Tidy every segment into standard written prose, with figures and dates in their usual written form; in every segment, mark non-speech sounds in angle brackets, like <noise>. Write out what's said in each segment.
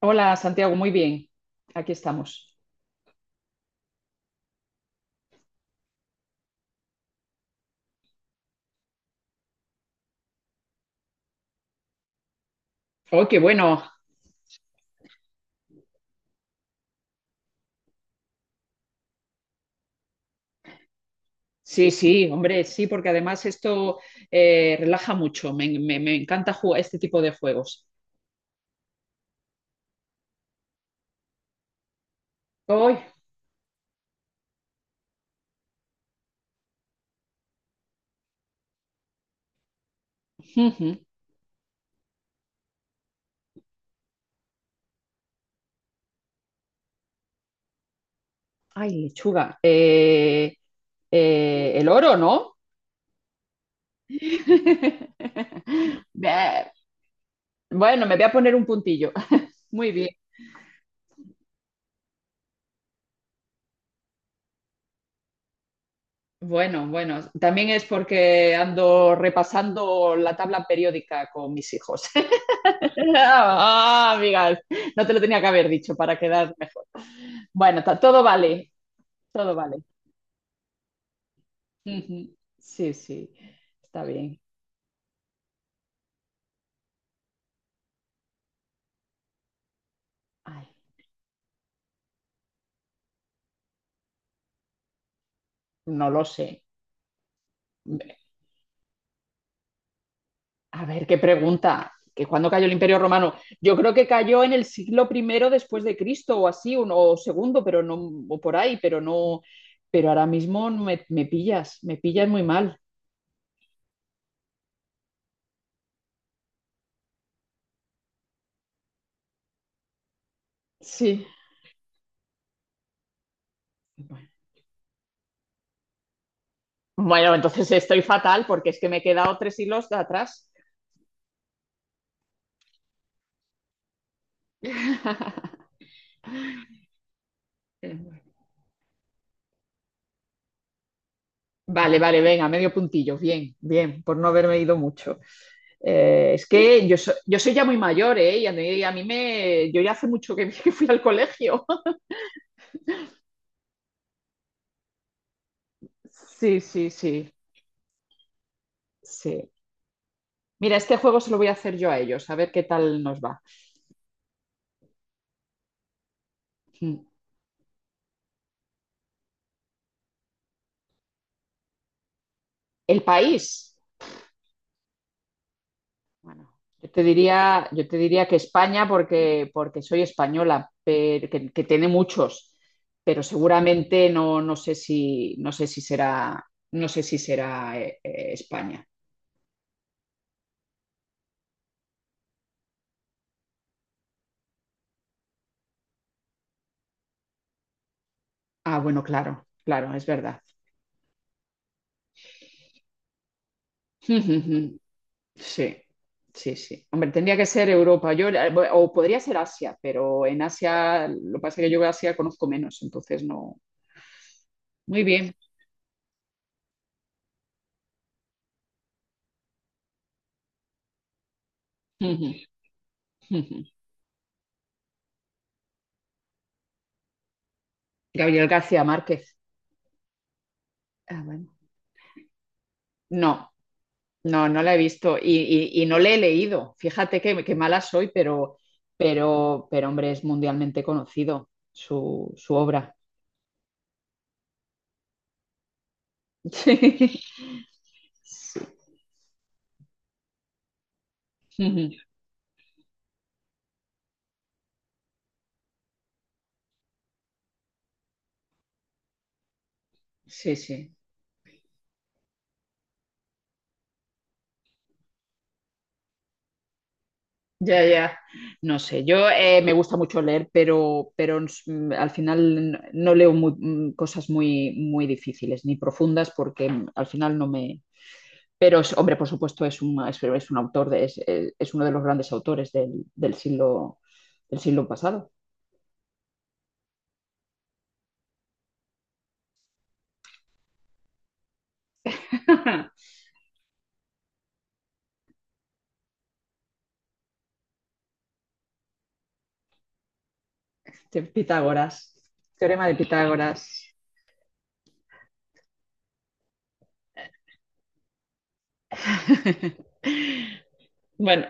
Hola Santiago, muy bien. Aquí estamos. Oh, qué bueno. Sí, sí, hombre, sí, porque además esto relaja mucho. Me encanta jugar este tipo de juegos. Hoy, ujú. Ay, lechuga. El oro, ¿no? <laughs> Bien. Bueno, me voy a poner un puntillo. <laughs> Muy bien. Bueno, bueno, también es porque ando repasando la tabla periódica con mis hijos. Ah, amigas, no te lo tenía que haber dicho para quedar mejor. Bueno, todo vale, todo vale. Ujú. Sí, sí, está bien. Ay, no lo sé. A ver, qué pregunta. ¿Que cuándo cayó el Imperio Romano? Yo creo que cayó en el siglo primero después de Cristo o así, o segundo, pero no, o por ahí, pero no. Pero ahora mismo no me pillas, me pillas muy mal. Sí. Bueno, entonces estoy fatal porque es que me he quedado tres hilos de atrás. <laughs> Eh, Vale, vale, venga, medio puntillo. Bien, bien, por no haberme ido mucho. Es que yo soy ya muy mayor, ¿eh? Y a mí me... Yo ya hace mucho que, <laughs> que fui al colegio. Sí, sí, sí, sí. Mira, este juego se lo voy a hacer yo a ellos, a ver qué tal nos va. Mm. El país. Bueno, yo te diría que España porque soy española, pero, que tiene muchos, pero seguramente no, no sé si será España. Ah, bueno, claro, claro, es verdad. <laughs> Sí, sí, sí. Hombre, tendría que ser Europa, o podría ser Asia, pero en Asia, lo que pasa es que yo Asia conozco menos, entonces no. Muy bien. <laughs> Ujú, ujú. Gabriel García Márquez. Ah, bueno. No. No, no la he visto y no le he leído. Fíjate que mala soy, pero hombre, es mundialmente conocido su obra. <laughs> Sí. Sí. Ujú. Sí, sí. Ya, ya. No sé, yo me gusta mucho leer, pero al final no leo cosas muy, muy difíciles ni profundas porque al final no me. Pero, es, hombre, por supuesto, es un autor, es uno de los grandes autores del del siglo pasado. <laughs> De Pitágoras, teorema de Pitágoras. <laughs> Bueno,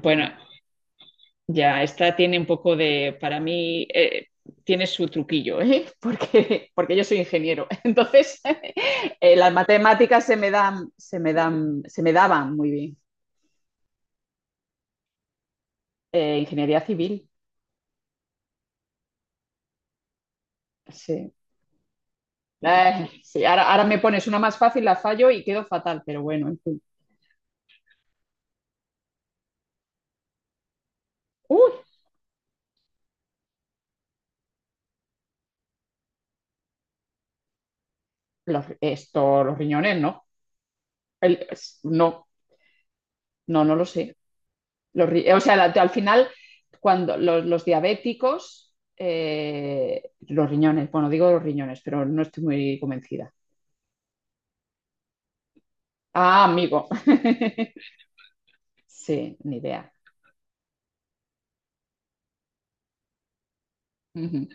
bueno, ya, esta tiene un poco de, para mí, tiene su truquillo, ¿eh? <laughs> Porque yo soy ingeniero. Entonces, <laughs> Las matemáticas se me dan, se me dan, se me daban muy bien. Ingeniería civil, sí. Sí, ahora me pones una más fácil, la fallo y quedo fatal, pero bueno, en fin. Uy, los riñones, ¿no? No, no, no lo sé. O sea, al final, cuando los diabéticos, los riñones, bueno, digo los riñones, pero no estoy muy convencida. Ah, amigo. <laughs> Sí, ni idea. Ujú.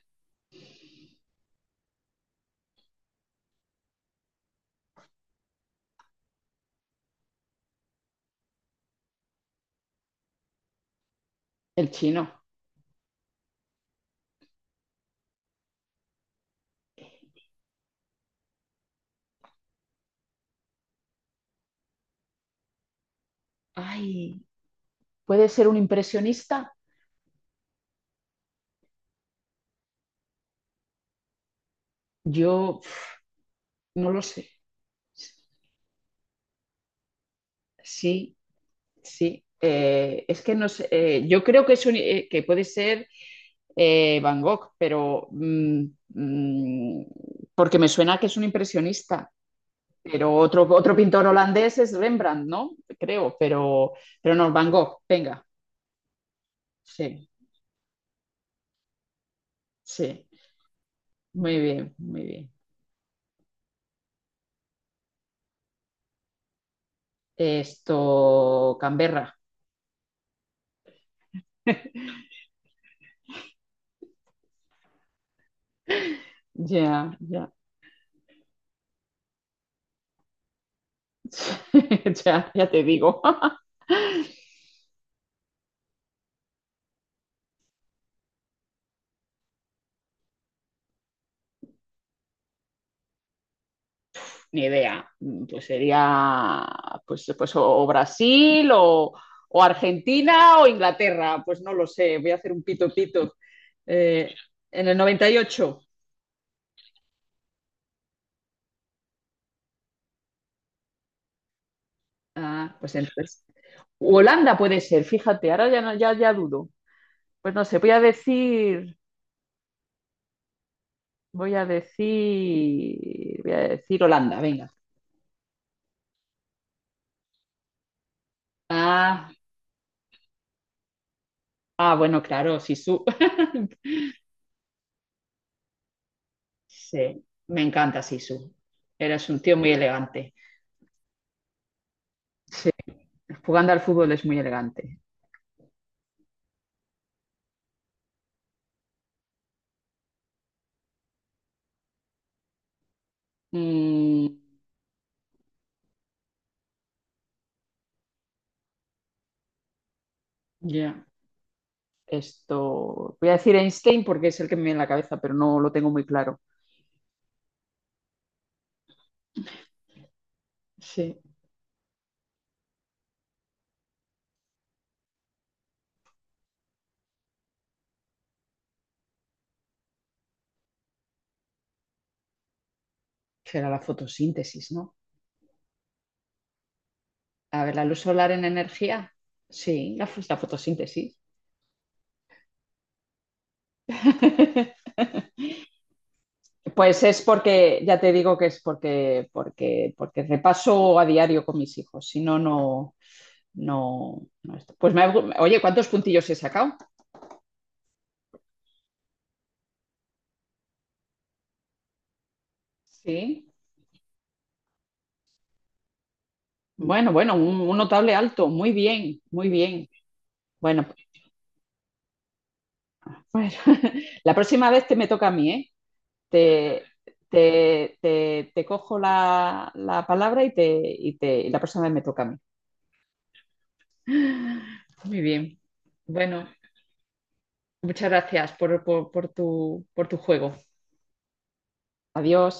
El chino. Ay, ¿puede ser un impresionista? Yo no lo sé. Sí, sí, es que no sé, yo creo que, que puede ser Van Gogh, pero mm, porque me suena que es un impresionista, pero otro pintor holandés es Rembrandt, ¿no? Creo, pero no, Van Gogh, venga, sí, sí, muy bien, muy bien. Canberra, <laughs> ya, ya, <laughs> ya, ya te digo. <laughs> Ni idea. Pues sería pues o Brasil o Argentina o Inglaterra. Pues no lo sé. Voy a hacer un pito pito. Eh, en el 98. Ah, pues entonces. U Holanda puede ser, fíjate, ahora ya, ya, ya dudo. Pues no sé, voy a decir Holanda, venga. Ah, ah, bueno, claro, Sisu. <laughs> Sí, me encanta Sisu. Eres un tío muy elegante. Sí, jugando al fútbol es muy elegante. Mm, ya. Voy a decir Einstein porque es el que me viene en la cabeza, pero no lo tengo muy claro. Sí. Será la fotosíntesis, ¿no? A ver, la luz solar en energía. Sí, la fotosíntesis. <laughs> Pues es ya te digo que es porque repaso a diario con mis hijos. Si no, no, no, no esto. Pues oye, ¿cuántos puntillos he sacado? Sí, bueno, bueno, un notable alto. Muy bien, muy bien. Bueno, pues, <laughs> la próxima vez te me toca a mí, ¿eh? Te, te cojo la palabra y la próxima vez me toca a mí. <gasps> Muy bien. Bueno, muchas gracias por tu juego. Adiós.